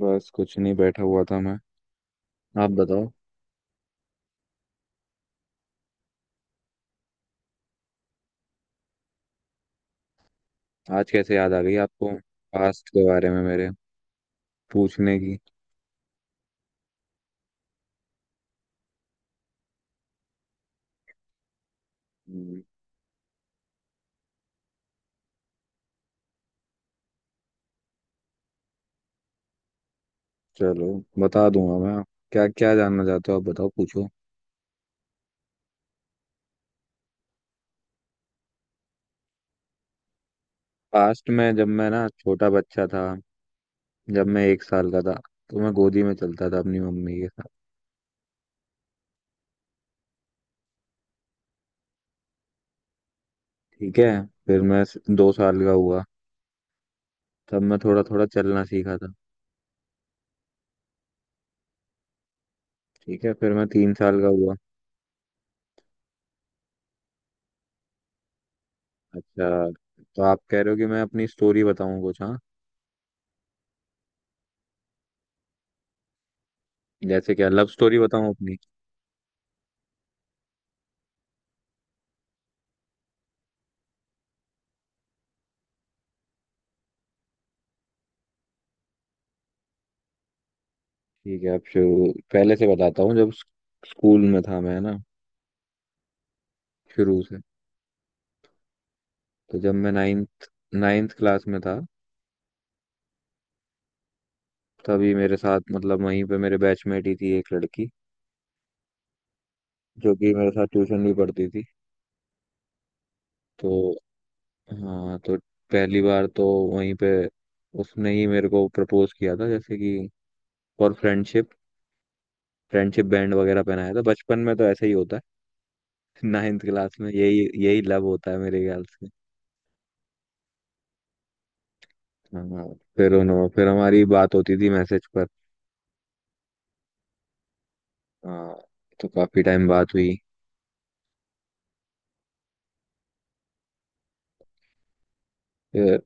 बस कुछ नहीं। बैठा हुआ था मैं। आप बताओ। आज कैसे याद आ गई आपको पास्ट के बारे में मेरे पूछने की। हम्म। चलो, बता दूंगा मैं। क्या क्या जानना चाहते हो आप, बताओ, पूछो। पास्ट में जब मैं ना छोटा बच्चा था, जब मैं 1 साल का था, तो मैं गोदी में चलता था अपनी मम्मी के साथ। ठीक है। फिर मैं 2 साल का हुआ, तब मैं थोड़ा थोड़ा चलना सीखा था। ठीक है। फिर मैं 3 साल का हुआ। अच्छा। तो आप कह रहे हो कि मैं अपनी स्टोरी बताऊं कुछ, हाँ? जैसे क्या लव स्टोरी बताऊं अपनी? ठीक है, अब शुरू पहले से बताता हूँ। जब स्कूल में था मैं ना, शुरू से। तो जब मैं नाइन्थ नाइन्थ क्लास में था, तभी मेरे साथ, मतलब वहीं पे मेरे बैचमेट ही थी एक लड़की, जो कि मेरे साथ ट्यूशन भी पढ़ती थी। तो, हाँ, तो पहली बार तो वहीं पे उसने ही मेरे को प्रपोज किया था, जैसे कि फॉर फ्रेंडशिप। फ्रेंडशिप बैंड वगैरह पहनाया था, बचपन में तो ऐसे ही होता है। 9th क्लास में यही यही लव होता है मेरे ख्याल से। हाँ, फिर उन्होंने, फिर हमारी बात होती थी मैसेज पर। हाँ, तो काफी टाइम बात हुई। फिर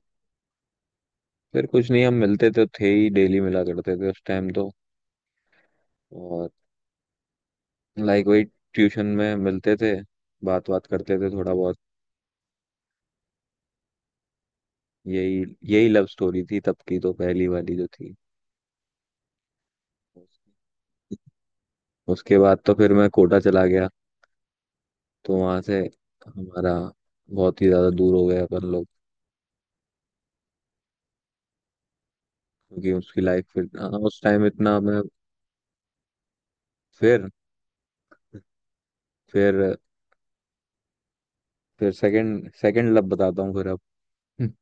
फिर कुछ नहीं, हम मिलते तो थे ही, डेली मिला करते थे उस टाइम तो। और, लाइक, वही, ट्यूशन में मिलते थे, बात बात करते थे थोड़ा बहुत। यही यही लव स्टोरी थी तब की, तो पहली वाली जो थी। उसके बाद तो फिर मैं कोटा चला गया। तो वहां से हमारा बहुत ही ज्यादा दूर हो गया अपन लोग। क्योंकि उसकी लाइफ फिर, हाँ, उस टाइम इतना मैं। फिर फिर फिर सेकंड सेकंड लव बताता हूँ फिर अब।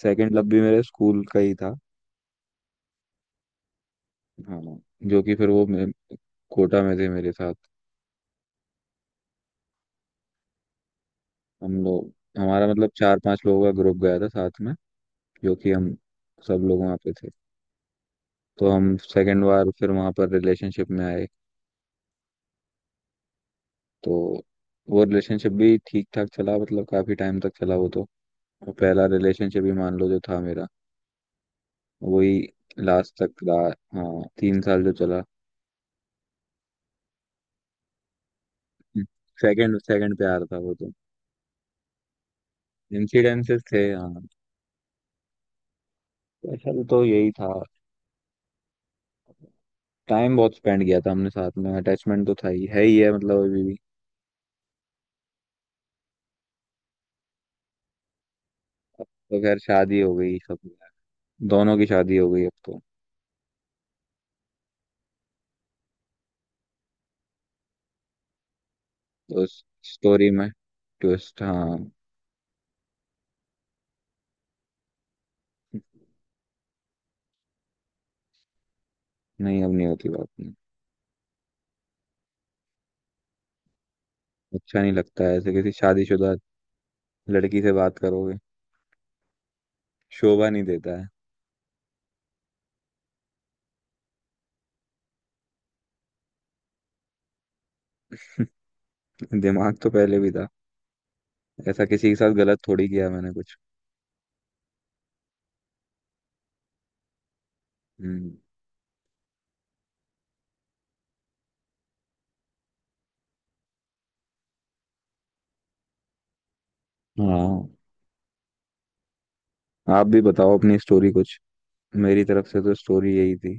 सेकंड लव भी मेरे स्कूल का ही था। हाँ, जो कि फिर वो कोटा में थे मेरे साथ, हम लोग। हमारा, मतलब, चार पांच लोगों का ग्रुप गया था साथ में, जो कि हम सब लोग वहाँ पे थे। तो हम सेकंड बार फिर वहाँ पर रिलेशनशिप में आए। तो वो रिलेशनशिप भी ठीक ठाक चला, मतलब काफी टाइम तक चला वो तो। और पहला रिलेशनशिप ही मान लो जो था मेरा, वही लास्ट तक रहा। हाँ, 3 साल जो चला। सेकंड सेकंड प्यार था वो तो। इंसिडेंसेस थे, हाँ। असल तो यही था। टाइम बहुत स्पेंड किया था हमने साथ में, अटैचमेंट तो था ही, है ही है, मतलब अभी भी। अब तो खैर शादी हो गई सब। दोनों की शादी हो गई अब तो। तो उस स्टोरी में ट्विस्ट, हाँ। नहीं, अब नहीं होती बात, नहीं। अच्छा नहीं लगता है ऐसे किसी शादीशुदा लड़की से बात करोगे, शोभा नहीं देता है। दिमाग तो पहले भी था। ऐसा किसी के साथ गलत थोड़ी किया मैंने कुछ। हम्म। हाँ, आप भी बताओ अपनी स्टोरी कुछ। मेरी तरफ से तो स्टोरी यही थी।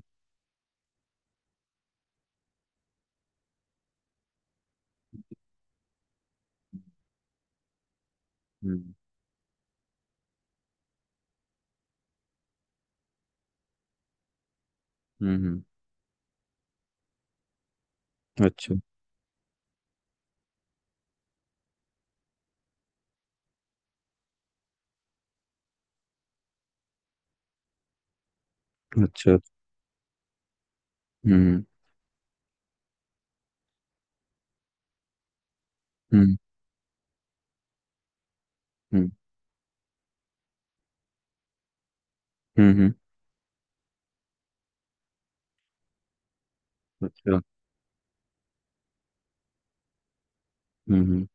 हम्म। हम्म। हम्म। अच्छा, अच्छा। हम्म। हम्म। हम्म। हम्म। हम्म। अच्छा। हम्म।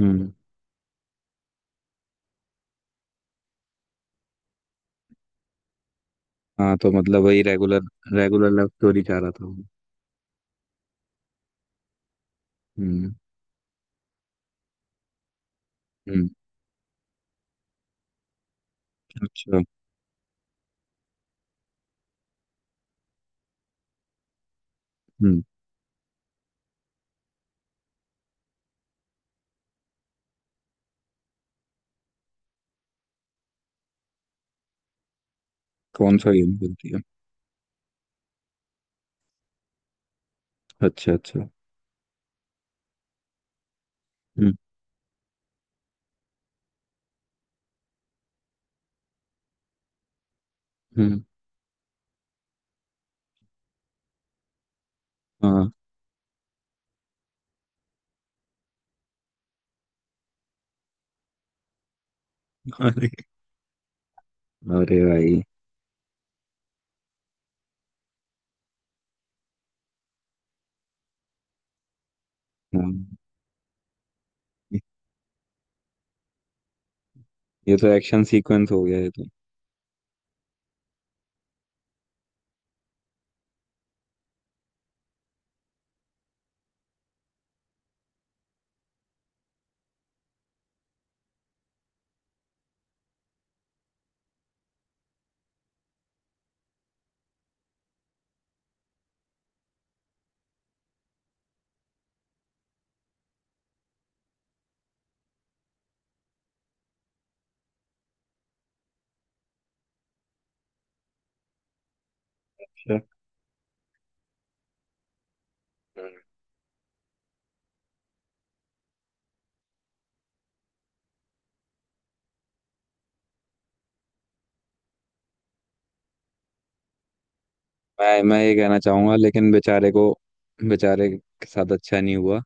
हम्म। हम्म। हाँ, तो मतलब वही, रेगुलर रेगुलर लव स्टोरी चाह रहा था वो। हम्म। हम्म। अच्छा। हम्म। कौन सा गेम खेलती है? अच्छा, अच्छा। हम्म। हम्म। हाँ। अरे! अरे, भाई! हाँ, ये तो एक्शन सीक्वेंस हो गया ये तो। अच्छा। हम्म। मैं ये कहना चाहूंगा, लेकिन बेचारे को, बेचारे के साथ अच्छा नहीं हुआ।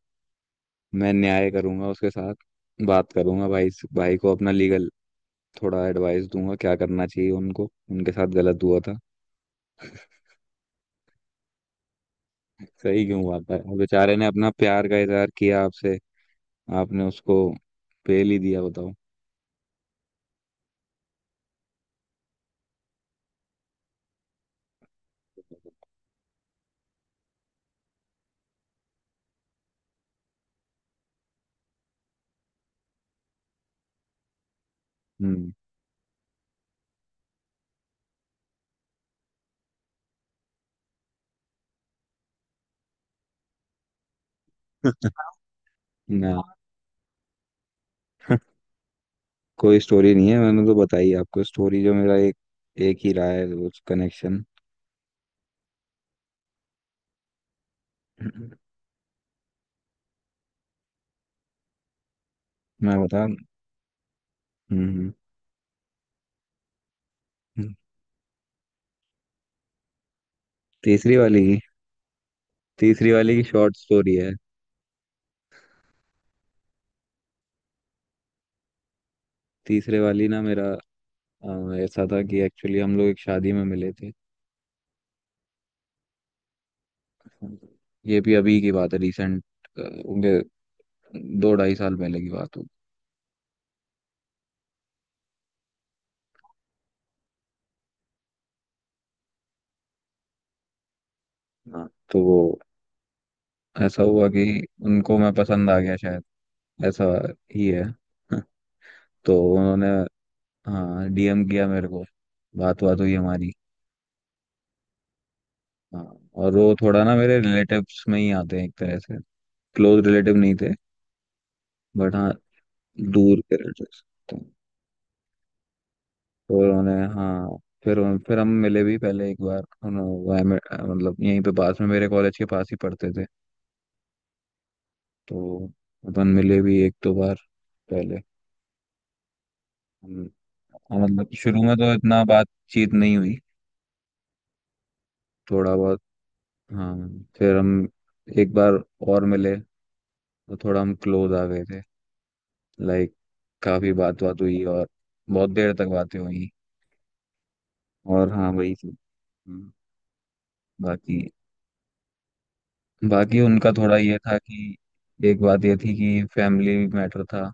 मैं न्याय करूंगा उसके साथ। बात करूंगा भाई को, अपना लीगल थोड़ा एडवाइस दूंगा, क्या करना चाहिए उनको, उनके साथ गलत हुआ था। सही क्यों हुआ था? और बेचारे ने अपना प्यार का इजहार किया आपसे, आपने उसको पेल ही दिया, बताओ। हम्म। ना, कोई स्टोरी नहीं है, मैंने तो बताई आपको स्टोरी, जो मेरा एक एक ही रहा है उस कनेक्शन। मैं बता, हम्म। हम्म। हम्म। तीसरी वाली की, तीसरी वाली की शॉर्ट स्टोरी है। तीसरे वाली ना मेरा, ऐसा था कि एक्चुअली हम लोग एक शादी में मिले थे। ये भी अभी की बात है, रिसेंट, 2-2.5 साल पहले की बात होगी। हाँ, तो वो, ऐसा हुआ कि उनको मैं पसंद आ गया शायद, ऐसा ही है। तो उन्होंने, हाँ, डीएम किया मेरे को। बात बात हुई हमारी, हाँ। और वो थोड़ा ना मेरे रिलेटिव्स में ही आते हैं, एक तरह से। क्लोज रिलेटिव नहीं थे, बट हाँ, दूर के रिलेटिव्स। तो तो उन्होंने, हाँ, फिर फिर हम मिले भी पहले एक बार। मतलब यहीं पे पास में, मेरे कॉलेज के पास ही पढ़ते थे। तो अपन मिले भी एक दो बार पहले। हम्म। हाँ, मतलब शुरू में तो इतना बातचीत नहीं हुई, थोड़ा बहुत। हाँ, फिर हम एक बार और मिले, तो थोड़ा हम क्लोज आ गए थे, लाइक। काफी बात बात हुई और बहुत देर तक बातें हुई। और हाँ, वही थी। हम्म। बाकी, बाकी उनका थोड़ा ये था कि, एक बात ये थी कि फैमिली मैटर था।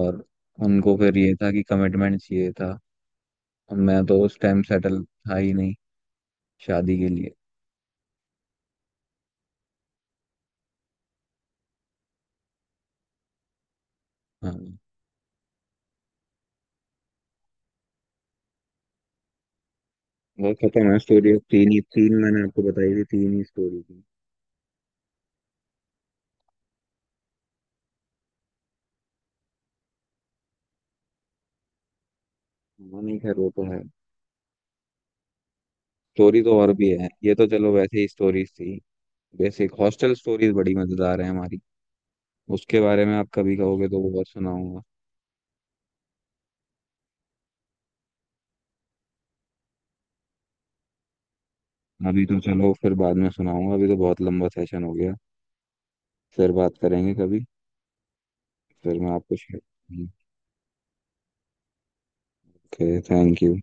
और उनको फिर ये था कि कमिटमेंट चाहिए था। और मैं तो उस टाइम सेटल था ही नहीं शादी के लिए। हाँ। बहुत खतरनाक स्टोरी है। तीन ही तीन मैंने आपको बताई थी, तीन ही स्टोरी थी। हाँ, नहीं, खैर वो तो है। स्टोरी तो और भी है, ये तो चलो वैसे ही स्टोरीज थी। बेसिक हॉस्टल स्टोरीज बड़ी मजेदार है हमारी। उसके बारे में आप कभी कहोगे तो वो बहुत सुनाऊंगा। अभी तो चलो फिर बाद में सुनाऊंगा, अभी तो बहुत लंबा सेशन हो गया। फिर बात करेंगे कभी। फिर मैं आपको शेयर। Okay, thank you.